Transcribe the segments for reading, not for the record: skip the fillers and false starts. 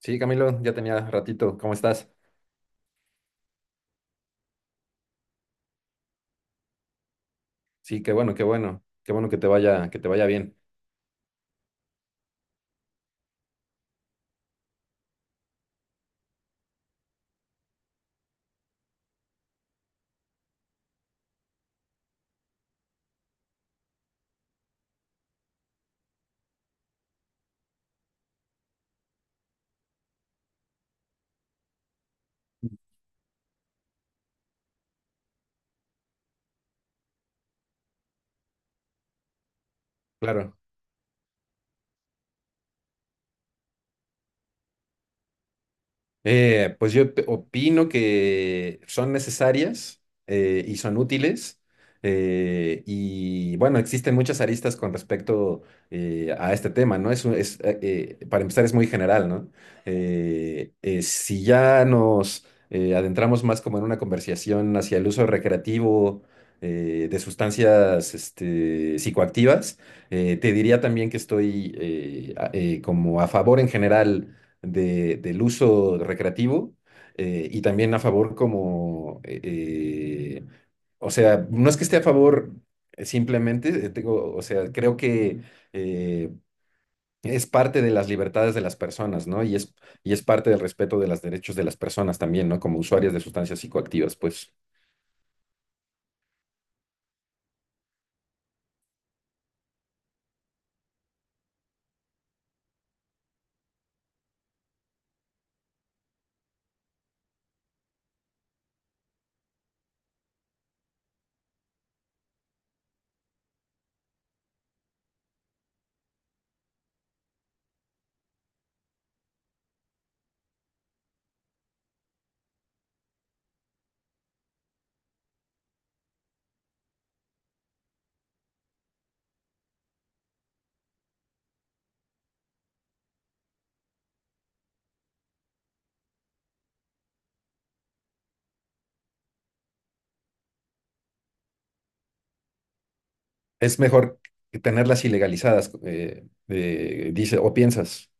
Sí, Camilo, ya tenía ratito. ¿Cómo estás? Sí, qué bueno, qué bueno. Qué bueno que te vaya, bien. Claro. Pues opino que son necesarias y son útiles. Y bueno, existen muchas aristas con respecto a este tema, ¿no? Para empezar, es muy general, ¿no? Si ya nos adentramos más como en una conversación hacia el uso recreativo de sustancias este, psicoactivas, te diría también que estoy como a favor en general del uso recreativo y también a favor o sea, no es que esté a favor simplemente, digo, o sea, creo que eh, es parte de las libertades de las personas, ¿no? Y es parte del respeto de los derechos de las personas también, ¿no? Como usuarias de sustancias psicoactivas, pues es mejor tenerlas ilegalizadas, dice, o piensas.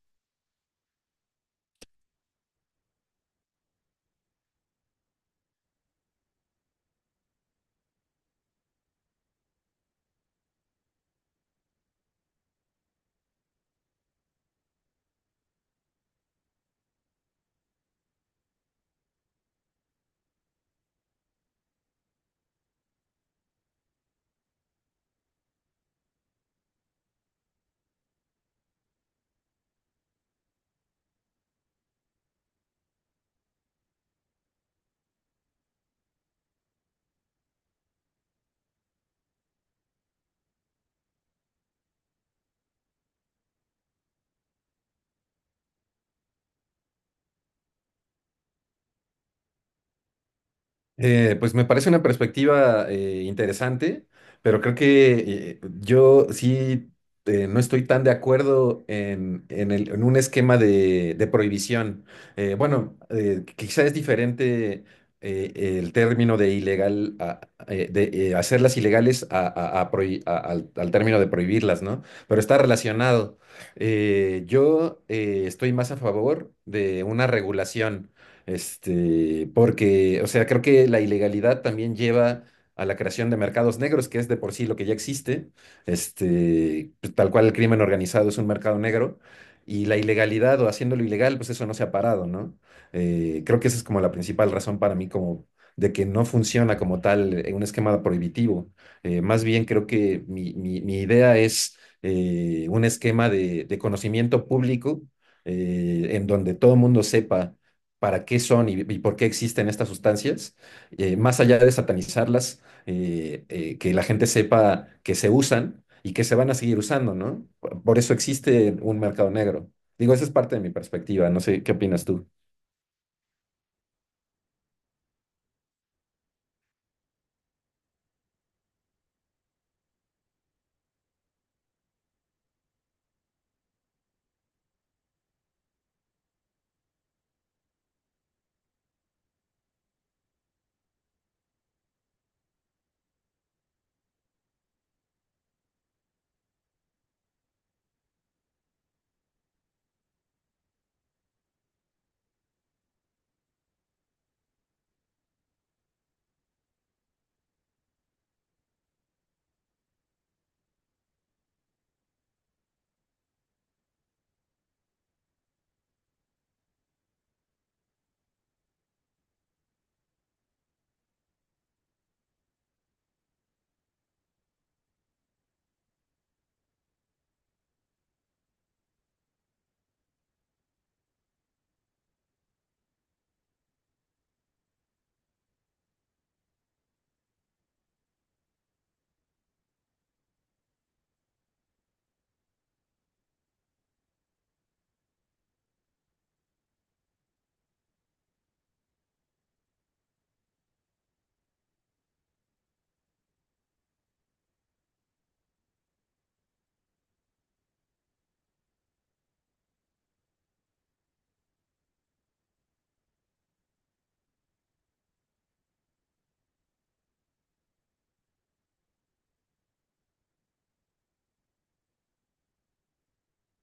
Pues me parece una perspectiva interesante, pero creo que yo sí no estoy tan de acuerdo en en un esquema de prohibición. Bueno, Quizá es diferente eh, el término de ilegal, a- de hacerlas ilegales a prohi- a- al, al término de prohibirlas, ¿no? Pero está relacionado. Yo Estoy más a favor de una regulación. Este, porque, o sea, creo que la ilegalidad también lleva a la creación de mercados negros, que es de por sí lo que ya existe. Este, pues, tal cual el crimen organizado es un mercado negro. Y la ilegalidad o haciéndolo ilegal, pues eso no se ha parado, ¿no? Creo que esa es como la principal razón para mí como de que no funciona como tal un esquema prohibitivo. Más bien creo que mi idea es un esquema de conocimiento público en donde todo el mundo sepa para qué son y por qué existen estas sustancias, más allá de satanizarlas, que la gente sepa que se usan y que se van a seguir usando, ¿no? Por eso existe un mercado negro. Digo, esa es parte de mi perspectiva, no sé, ¿qué opinas tú?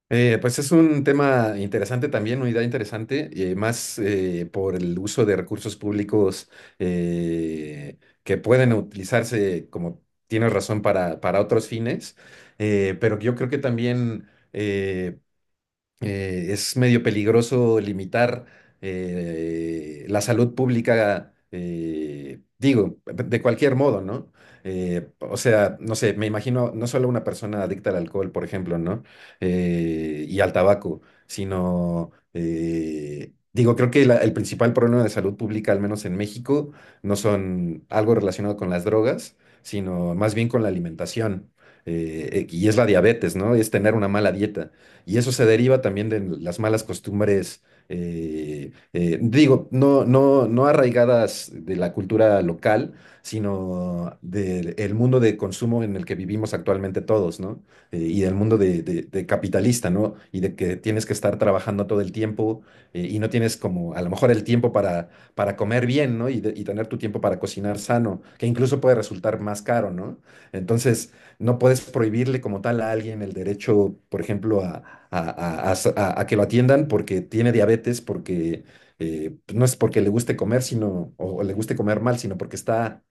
Pues es un tema interesante también, una idea interesante, más por el uso de recursos públicos que pueden utilizarse, como tienes razón, para otros fines, pero yo creo que también es medio peligroso limitar la salud pública, digo, de cualquier modo, ¿no? O sea, no sé, me imagino no solo una persona adicta al alcohol, por ejemplo, ¿no? Y al tabaco, sino, digo, creo que el principal problema de salud pública, al menos en México, no son algo relacionado con las drogas, sino más bien con la alimentación. Y es la diabetes, ¿no? Es tener una mala dieta. Y eso se deriva también de las malas costumbres, digo, no arraigadas de la cultura local, sino del mundo de consumo en el que vivimos actualmente todos, ¿no? Y del mundo de capitalista, ¿no? Y de que tienes que estar trabajando todo el tiempo y no tienes como a lo mejor el tiempo para comer bien, ¿no? Y tener tu tiempo para cocinar sano, que incluso puede resultar más caro, ¿no? Entonces, no puedes prohibirle como tal a alguien el derecho, por ejemplo, a que lo atiendan porque tiene diabetes, porque pues, no es porque le guste comer, sino, o le guste comer mal, sino porque está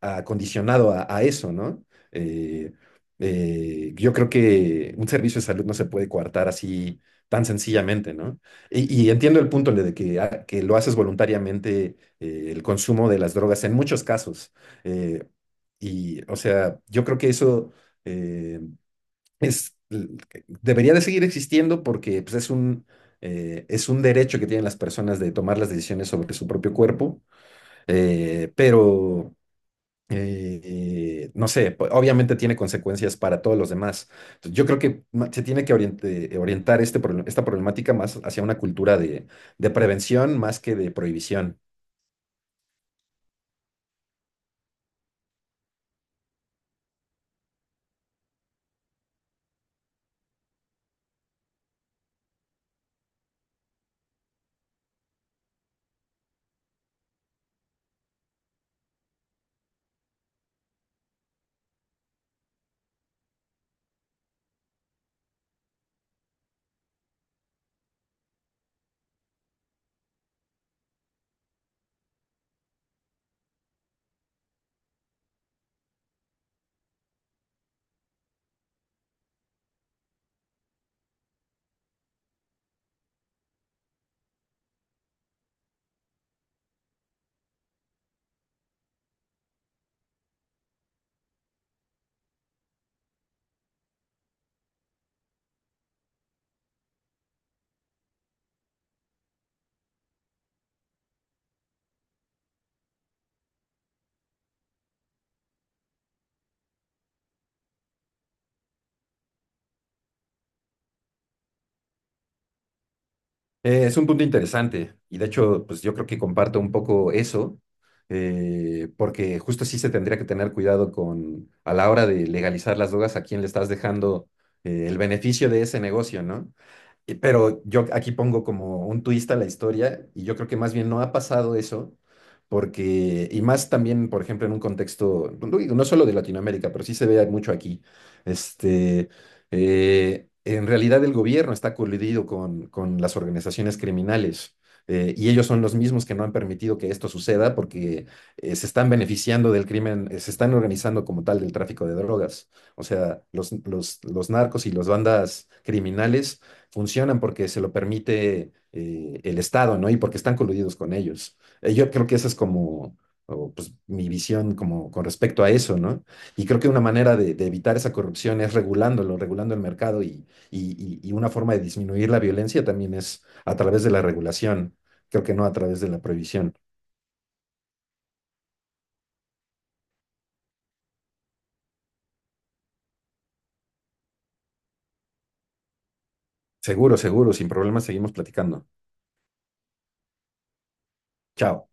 acondicionado a eso, ¿no? Eh, yo creo que un servicio de salud no se puede coartar así tan sencillamente, ¿no? Y entiendo el punto de que, ah, que lo haces voluntariamente, el consumo de las drogas en muchos casos. Eh, o sea, yo creo que eso eh, es, debería de seguir existiendo porque pues, es un derecho que tienen las personas de tomar las decisiones sobre su propio cuerpo, pero no sé, obviamente tiene consecuencias para todos los demás. Entonces, yo creo que ma- se tiene que oriente- orientar este, esta problemática más hacia una cultura de prevención más que de prohibición. Es un punto interesante y de hecho, pues yo creo que comparto un poco eso, porque justo sí se tendría que tener cuidado con a la hora de legalizar las drogas a quién le estás dejando el beneficio de ese negocio, ¿no? Y pero yo aquí pongo como un twist a la historia y yo creo que más bien no ha pasado eso, porque, y más también, por ejemplo, en un contexto, no digo, no solo de Latinoamérica, pero sí se ve mucho aquí, este, en realidad el gobierno está coludido con las organizaciones criminales. Y ellos son los mismos que no han permitido que esto suceda porque se están beneficiando del crimen, se están organizando como tal del tráfico de drogas. O sea, los narcos y las bandas criminales funcionan porque se lo permite el Estado, ¿no? Y porque están coludidos con ellos. Yo creo que esa es como o, pues, mi visión como con respecto a eso, ¿no? Y creo que una manera de evitar esa corrupción es regulándolo, regulando el mercado y una forma de disminuir la violencia también es a través de la regulación, creo que no a través de la prohibición. Seguro, seguro, sin problemas seguimos platicando. Chao.